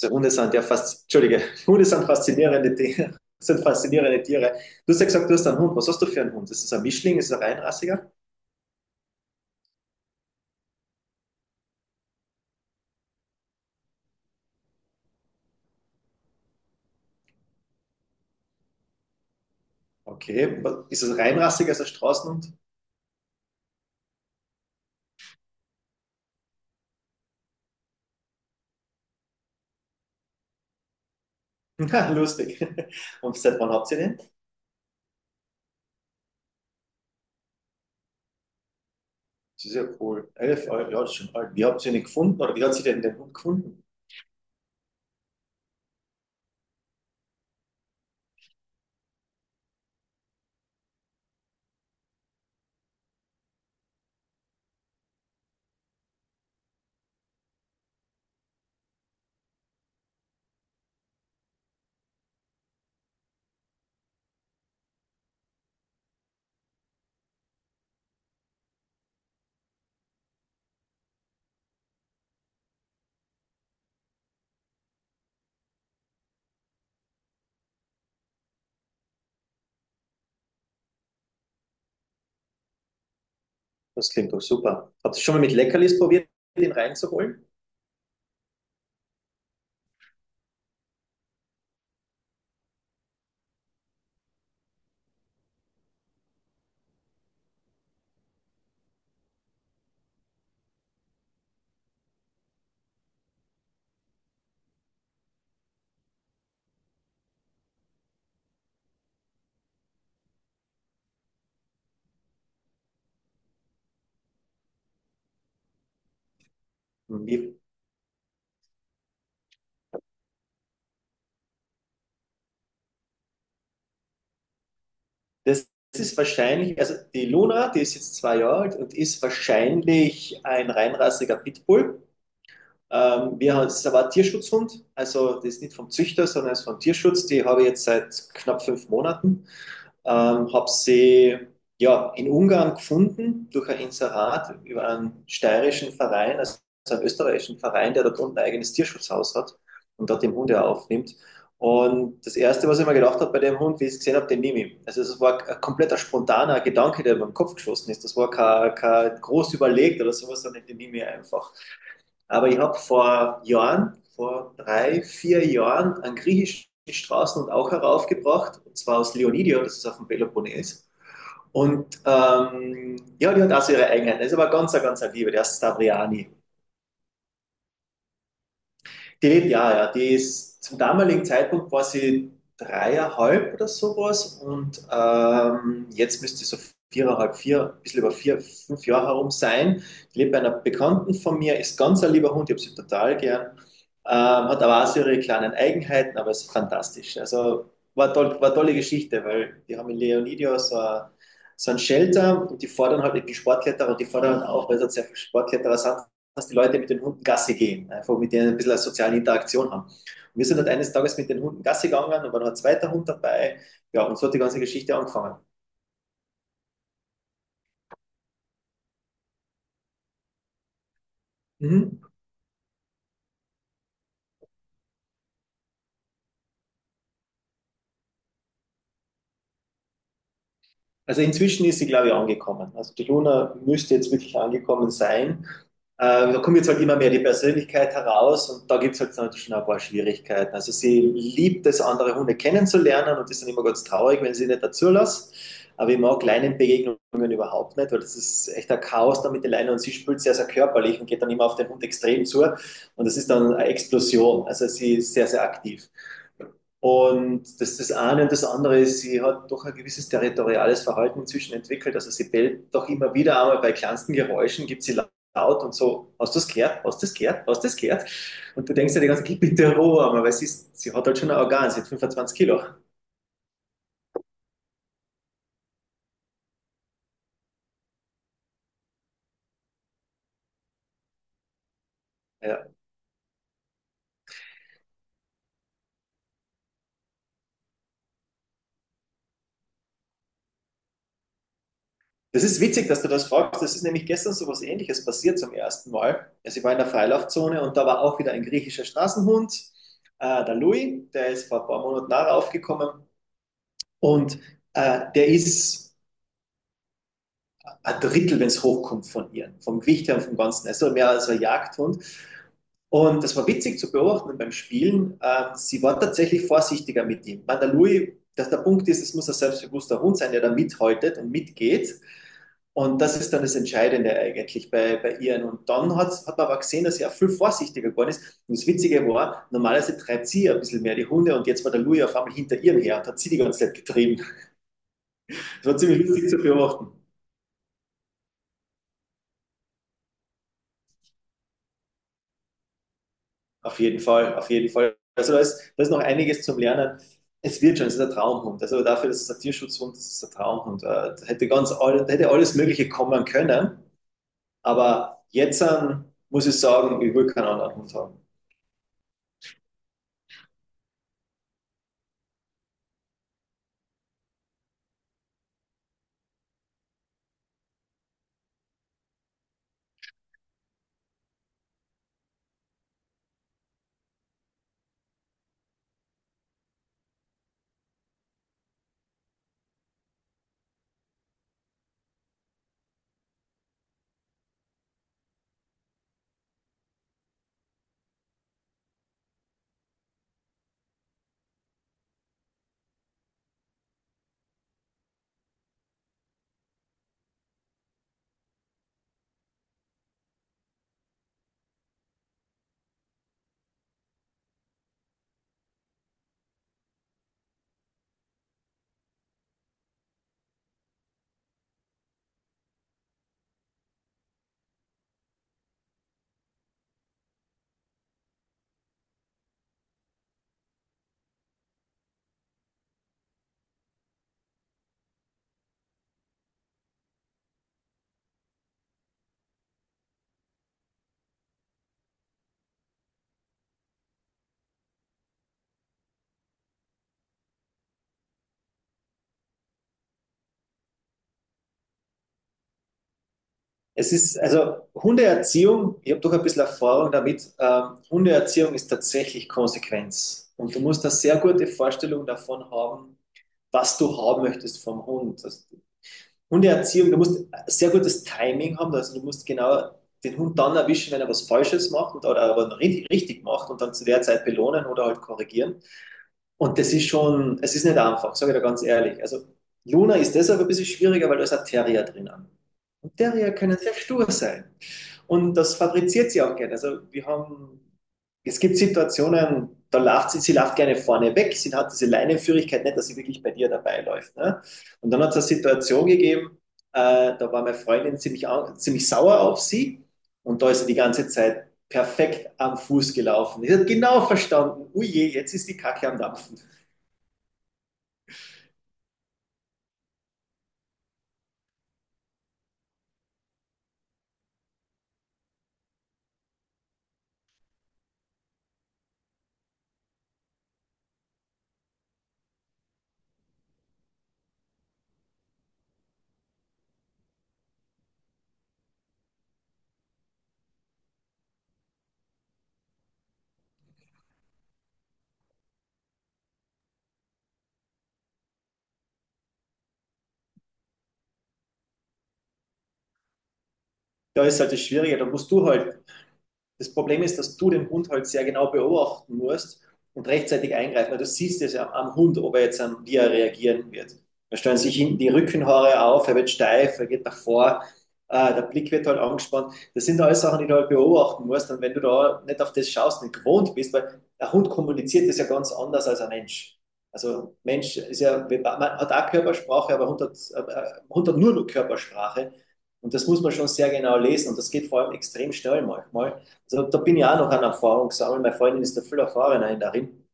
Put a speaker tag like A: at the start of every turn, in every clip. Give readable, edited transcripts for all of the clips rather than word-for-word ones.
A: Also Hunde sind ja fast, entschuldige, Hunde sind faszinierende Tiere. Sind faszinierende Tiere. Du hast ja gesagt, du hast einen Hund. Was hast du für einen Hund? Ist es ein Mischling? Ist es ein Reinrassiger? Okay. Ist es ein Reinrassiger? Ist es ein Straßenhund? Lustig. Und seit wann habt ihr den? Das ist ja cool. 11 Jahre, ja, das ist schon alt. Wie habt ihr den gefunden oder wie hat sie denn den Hund gefunden? Das klingt doch super. Habt ihr schon mal mit Leckerlis probiert, den reinzuholen? Das ist wahrscheinlich, also die Luna, die ist jetzt 2 Jahre alt und ist wahrscheinlich ein reinrassiger Pitbull. Es ist aber ein Tierschutzhund, also das ist nicht vom Züchter, sondern es ist vom Tierschutz. Die habe ich jetzt seit knapp 5 Monaten. Habe sie ja, in Ungarn gefunden durch ein Inserat über einen steirischen Verein, also einen österreichischen Verein, der dort unten ein eigenes Tierschutzhaus hat und dort den Hund ja aufnimmt. Und das Erste, was ich mir gedacht habe bei dem Hund, wie ich es gesehen habe, den nehme ich. Also das war ein kompletter spontaner Gedanke, der mir im Kopf geschossen ist. Das war kein groß überlegt oder sowas, sondern den nehme ich einfach. Aber ich habe vor Jahren, vor 3, 4 Jahren, einen griechischen Straßen und auch heraufgebracht, und zwar aus Leonidio, das ist auf dem Peloponnes. Und ja, die hat auch so ihre Eigenheiten. Das ist aber ganz, ganz eine Liebe, der ist Stavriani. Die lebt ja, ja. Die ist zum damaligen Zeitpunkt war sie 3,5 oder sowas und jetzt müsste sie so 4,5, vier, ein bisschen über vier, fünf Jahre herum sein. Die lebt bei einer Bekannten von mir, ist ganz ein lieber Hund, ich habe sie total gern. Ähm, hat aber auch so ihre kleinen Eigenheiten, aber ist fantastisch. Also war, toll, war tolle Geschichte, weil die haben in Leonidio so, so ein Shelter und die fordern halt die Sportkletterer und die fordern auch, weil es halt sehr viele Sportkletterer sind, dass die Leute mit den Hunden Gassi gehen, einfach mit denen ein bisschen eine soziale Interaktion haben. Und wir sind halt eines Tages mit den Hunden Gassi gegangen und war noch ein zweiter Hund dabei. Ja, und so hat die ganze Geschichte angefangen. Mhm. Also inzwischen ist sie, glaube ich, angekommen. Also die Luna müsste jetzt wirklich angekommen sein. Da kommt jetzt halt immer mehr die Persönlichkeit heraus und da gibt es halt dann schon ein paar Schwierigkeiten. Also sie liebt es, andere Hunde kennenzulernen und ist dann immer ganz traurig, wenn sie nicht dazu lässt. Aber ich mag Leinenbegegnungen überhaupt nicht, weil das ist echt ein Chaos da mit den Leinen und sie spielt sehr, sehr körperlich und geht dann immer auf den Hund extrem zu und das ist dann eine Explosion. Also sie ist sehr, sehr aktiv. Und das ist das eine. Und das andere ist, sie hat doch ein gewisses territoriales Verhalten inzwischen entwickelt. Also sie bellt doch immer wieder einmal bei kleinsten Geräuschen, gibt sie laut und so, hast du das gehört? Hast du das gehört? Hast du das gehört? Und du denkst dir die ganze Zeit, bitte Ruhe, einmal, weil sie hat halt schon ein Organ, sie hat 25 Kilo. Ja. Das ist witzig, dass du das fragst. Das ist nämlich gestern so was Ähnliches passiert zum ersten Mal. Also ich war in der Freilaufzone und da war auch wieder ein griechischer Straßenhund, der Louis, der ist vor ein paar Monaten nachher aufgekommen und der ist ein Drittel, wenn es hochkommt, von ihr, vom Gewicht her und vom Ganzen. Also mehr als ein Jagdhund. Und das war witzig zu beobachten beim Spielen. Sie war tatsächlich vorsichtiger mit ihm. Bei der Louis, dass der Punkt ist, es muss ein selbstbewusster Hund sein, der da mithaltet und mitgeht. Und das ist dann das Entscheidende eigentlich bei ihr. Und dann hat man aber gesehen, dass sie auch viel vorsichtiger geworden ist. Und das Witzige war, normalerweise treibt sie ja ein bisschen mehr die Hunde und jetzt war der Louis auf einmal hinter ihr her und hat sie die ganze Zeit getrieben. Das war ziemlich lustig zu beobachten. Auf jeden Fall, auf jeden Fall. Also da ist noch einiges zum Lernen. Es wird schon, es ist ein Traumhund. Also dafür, dass es ein Tierschutzhund ist, ist es ein Traumhund. Da hätte da hätte alles Mögliche kommen können. Aber jetzt muss ich sagen, ich will keinen anderen Hund haben. Es ist, also Hundeerziehung, ich habe doch ein bisschen Erfahrung damit, Hundeerziehung ist tatsächlich Konsequenz. Und du musst eine sehr gute Vorstellung davon haben, was du haben möchtest vom Hund. Hundeerziehung, du musst sehr gutes Timing haben, also du musst genau den Hund dann erwischen, wenn er was Falsches macht und, oder aber richtig macht und dann zu der Zeit belohnen oder halt korrigieren. Und das ist schon, es ist nicht einfach, sage ich dir ganz ehrlich. Also Luna ist deshalb ein bisschen schwieriger, weil da ist ein Terrier drinnen. Und Terrier können sehr stur sein. Und das fabriziert sie auch gerne. Also wir haben, es gibt Situationen, da lacht sie, sie lacht gerne vorne weg, sie hat diese Leinenführigkeit nicht, dass sie wirklich bei dir dabei läuft. Ne? Und dann hat es eine Situation gegeben, da war meine Freundin ziemlich sauer auf sie und da ist sie die ganze Zeit perfekt am Fuß gelaufen. Ich habe genau verstanden, uje, jetzt ist die Kacke am Dampfen. Da ist halt das Schwierige, da musst du halt. Das Problem ist, dass du den Hund halt sehr genau beobachten musst und rechtzeitig eingreifen, weil du siehst es ja am Hund, ob er jetzt, wie er reagieren wird. Da stellen sich hinten die Rückenhaare auf, er wird steif, er geht nach vor, der Blick wird halt angespannt. Das sind alles Sachen, die du halt beobachten musst. Und wenn du da nicht auf das schaust, nicht gewohnt bist, weil ein Hund kommuniziert das ja ganz anders als ein Mensch. Also Mensch ist ja, man hat auch Körpersprache, aber Hund hat nur Körpersprache. Und das muss man schon sehr genau lesen. Und das geht vor allem extrem schnell manchmal. So, da bin ich auch noch an Erfahrung sammeln. Meine Freundin ist da viel erfahrener darin.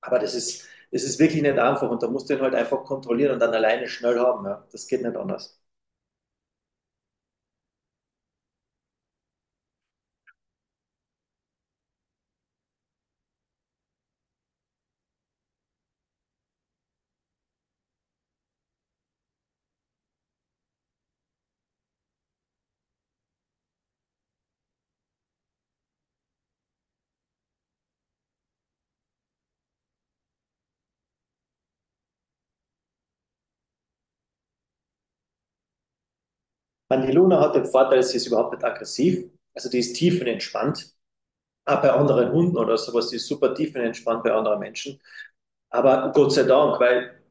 A: Aber das ist wirklich nicht einfach und da musst du ihn halt einfach kontrollieren und dann alleine schnell haben. Ja. Das geht nicht anders. Man, die Luna hat den Vorteil, sie ist überhaupt nicht aggressiv. Also die ist tiefenentspannt. Auch bei anderen Hunden oder sowas, die ist super tiefenentspannt bei anderen Menschen. Aber Gott sei Dank, weil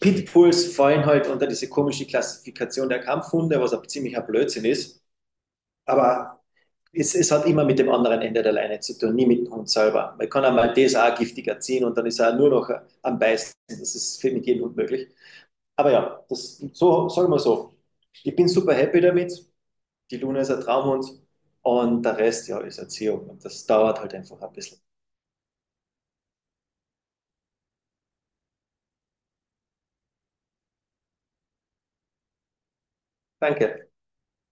A: Pitbulls fallen halt unter diese komische Klassifikation der Kampfhunde, was ein ziemlicher Blödsinn ist. Aber Es hat immer mit dem anderen Ende der Leine zu tun, nie mit dem Hund selber. Man kann einmal das auch giftig erziehen und dann ist er nur noch am Beißen. Das ist mit jedem Hund möglich. Aber ja, das, so, sagen wir so. Ich bin super happy damit. Die Luna ist ein Traumhund und der Rest ja, ist Erziehung. Und das dauert halt einfach ein bisschen. Danke.